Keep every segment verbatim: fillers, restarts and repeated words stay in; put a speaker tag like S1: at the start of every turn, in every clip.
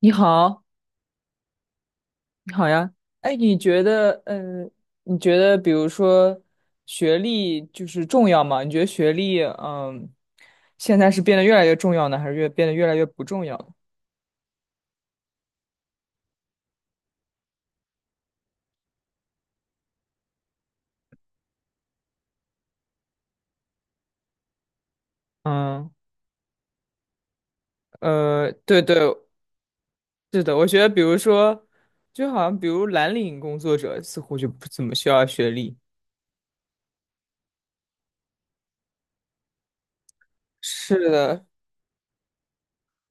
S1: 你好，你好呀。哎，你觉得，嗯，你觉得，比如说，学历就是重要吗？你觉得学历，嗯，现在是变得越来越重要呢，还是越变得越来越不重要了。嗯。呃，对对，是的，我觉得，比如说，就好像比如蓝领工作者似乎就不怎么需要学历。是的，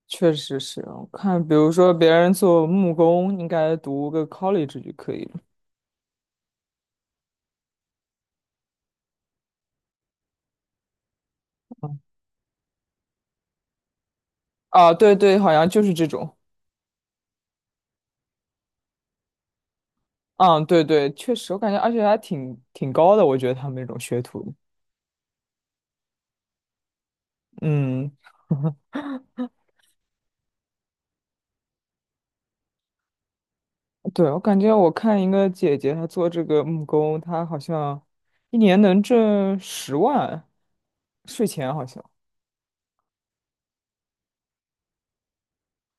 S1: 确实是。我看，比如说别人做木工，应该读个 college 就可以了。啊，对对，好像就是这种。嗯，对对，确实，我感觉而且还挺挺高的，我觉得他们那种学徒。嗯。对，我感觉我看一个姐姐，她做这个木工，她好像一年能挣十万，税前好像。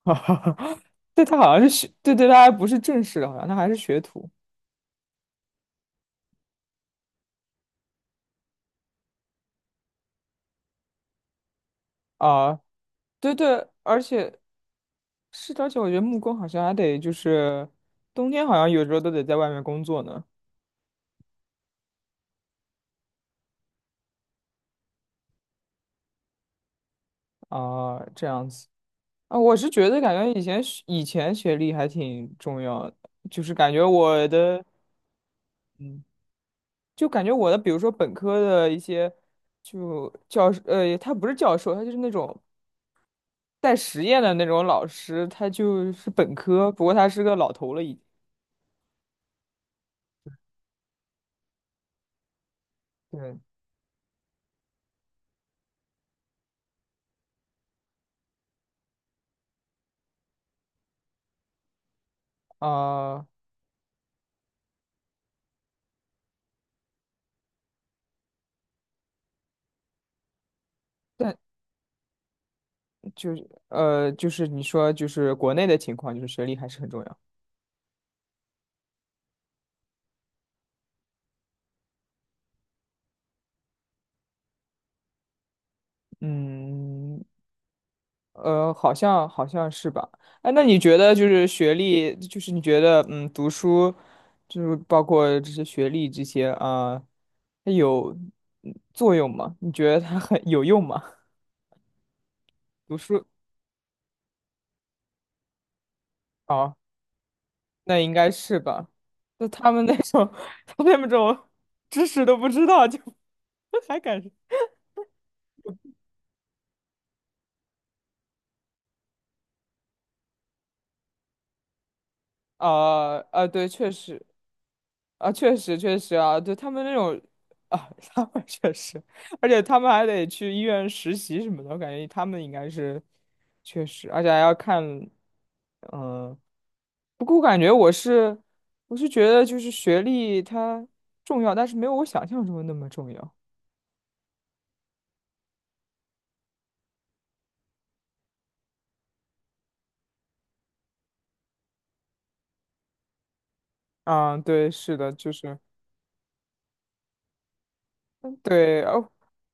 S1: 对，她好像是学，对对，她还不是正式的，好像她还是学徒啊。对对，而且是的，而且我觉得木工好像还得就是冬天好像有时候都得在外面工作呢。啊，这样子。啊，我是觉得感觉以前学以前学历还挺重要的，就是感觉我的。嗯就感觉我的，比如说本科的一些，就教授，呃，他不是教授，他就是那种带实验的那种老师，他就是本科，不过他是个老头了已经。对，啊、但就是呃，就是你说就是国内的情况，就是学历还是很重要。嗯。呃，好像好像是吧？哎，那你觉得就是学历，就是你觉得嗯，读书，就是包括这些学历这些啊，呃它有嗯作用吗？你觉得它很 有用吗？读书。哦，那应该是吧？那他们那种，他们那种知识都不知道，就 还敢啊啊。呃对，确实。啊，确实确实啊，对他们那种啊，他们确实，而且他们还得去医院实习什么的，我感觉他们应该是确实，而且还要看。嗯、不过我感觉我是我是觉得就是学历它重要，但是没有我想象中的那么重要。啊，对，是的，就是对哦，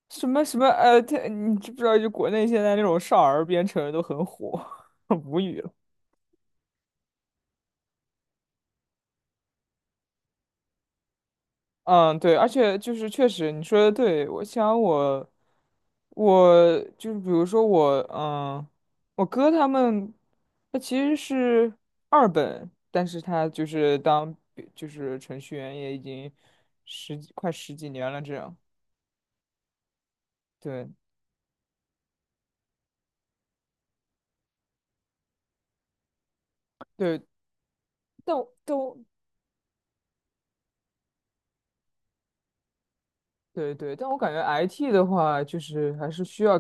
S1: 什么什么呃，他你知不知道就国内现在那种少儿编程都很火，无语了。嗯，对，而且就是确实你说的对，我想我我就是比如说我嗯，我哥他们他其实是二本，但是他就是当就是程序员也已经十几快十几年了这样。对对，但我但我对对，但我感觉 I T 的话，就是还是需要，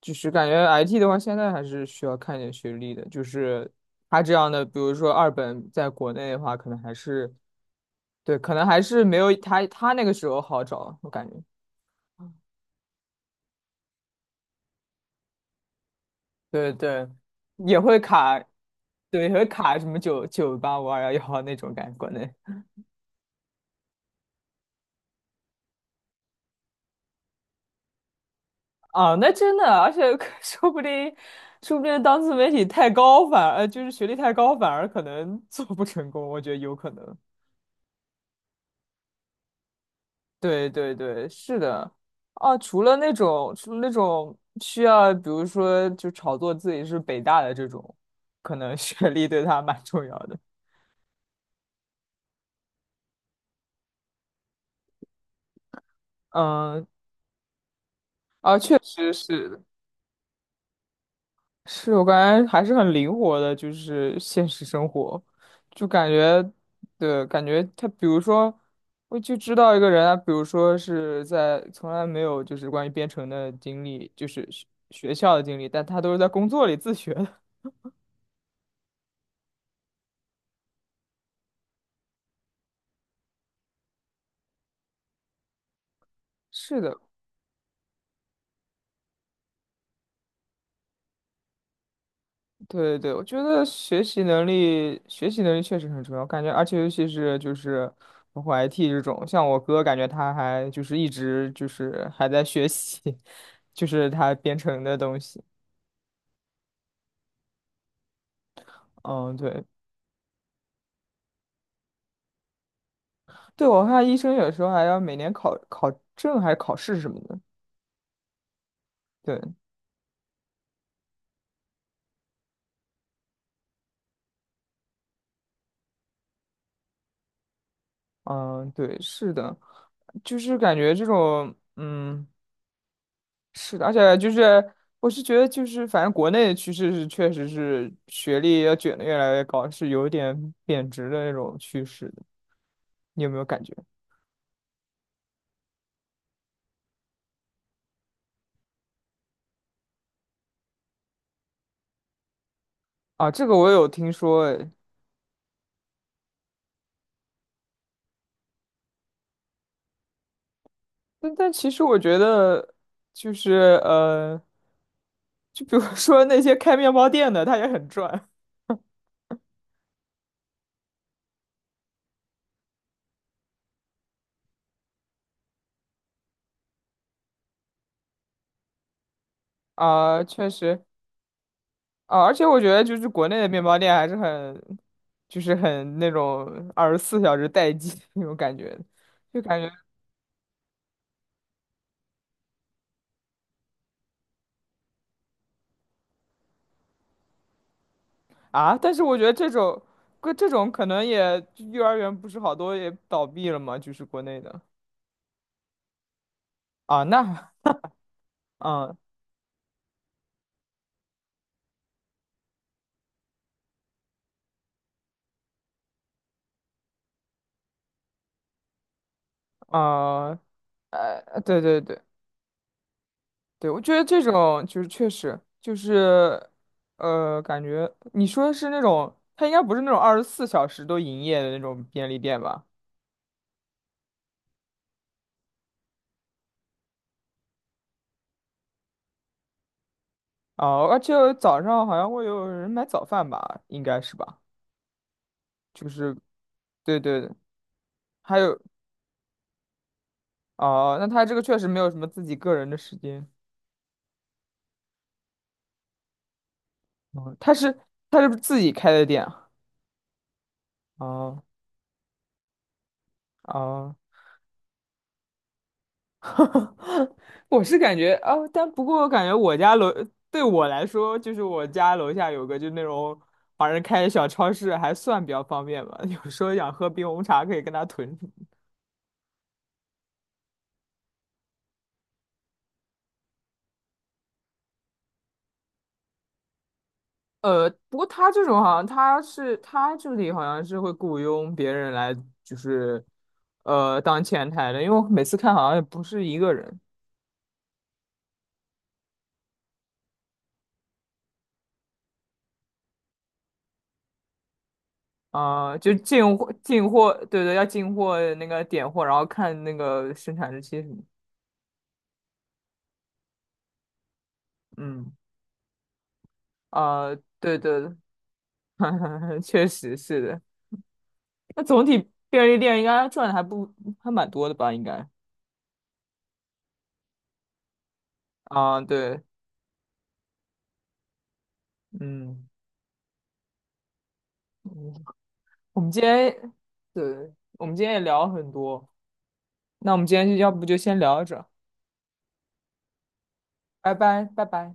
S1: 就是感觉 I T 的话，现在还是需要看一点学历的。就是他这样的，比如说二本，在国内的话，可能还是对，可能还是没有他他那个时候好找，我感觉。对对，也会卡，对，也会卡什么九九八五二幺幺那种感觉，国内。啊，那真的，而且 说不定，说不定当自媒体太高，反而就是学历太高，反而可能做不成功，我觉得有可能。对对对，是的，啊，除了那种，除了那种需要比如说就炒作自己是北大的这种，可能学历对他蛮重要的。嗯。啊，确实是的，是我感觉还是很灵活的，就是现实生活，就感觉，对，感觉他，比如说，我就知道一个人啊，比如说是在从来没有就是关于编程的经历，就是学学校的经历，但他都是在工作里自学的。是的。对对对我觉得学习能力，学习能力确实很重要，感觉，而且尤其是就是包括 I T 这种，像我哥，感觉他还就是一直就是还在学习，就是他编程的东西。嗯，对。对，我看医生有时候还要每年考考证还是考试什么的。对。嗯，对，是的，就是感觉这种。嗯。是的，而且就是我是觉得就是反正国内的趋势是确实是学历要卷的越来越高，是有点贬值的那种趋势的，你有没有感觉？啊，这个我有听说诶，但但其实我觉得就是呃，就比如说那些开面包店的，他也很赚。啊，确实啊，而且我觉得就是国内的面包店还是很，就是很那种二十四小时待机 那种感觉，就感觉啊，但是我觉得这种，个这种可能也幼儿园不是好多也倒闭了嘛，就是国内的。啊，那嗯啊，呃对对对对，我觉得这种就是确实就是，呃，感觉你说的是那种，它应该不是那种二十四小时都营业的那种便利店吧？啊，而且早上好像会有人买早饭吧，应该是吧？就是对对对，还有哦，那他这个确实没有什么自己个人的时间。哦，他是他是不是自己开的店啊？哦哦。我是感觉哦，但不过我感觉我家楼对我来说，就是我家楼下有个就那种华人开的小超市，还算比较方便吧。有时候想喝冰红茶，可以跟他囤。呃，不过他这种好像他是他这里好像是会雇佣别人来，就是呃当前台的，因为我每次看好像也不是一个人。啊、就进货进货，对对，要进货那个点货，然后看那个生产日期什么。嗯，啊，对对，确实是的。那总体便利店应该赚的还不还蛮多的吧？应该啊、对，嗯嗯，我们今天对，我们今天也聊了很多，那我们今天就要不就先聊着，拜拜，拜拜。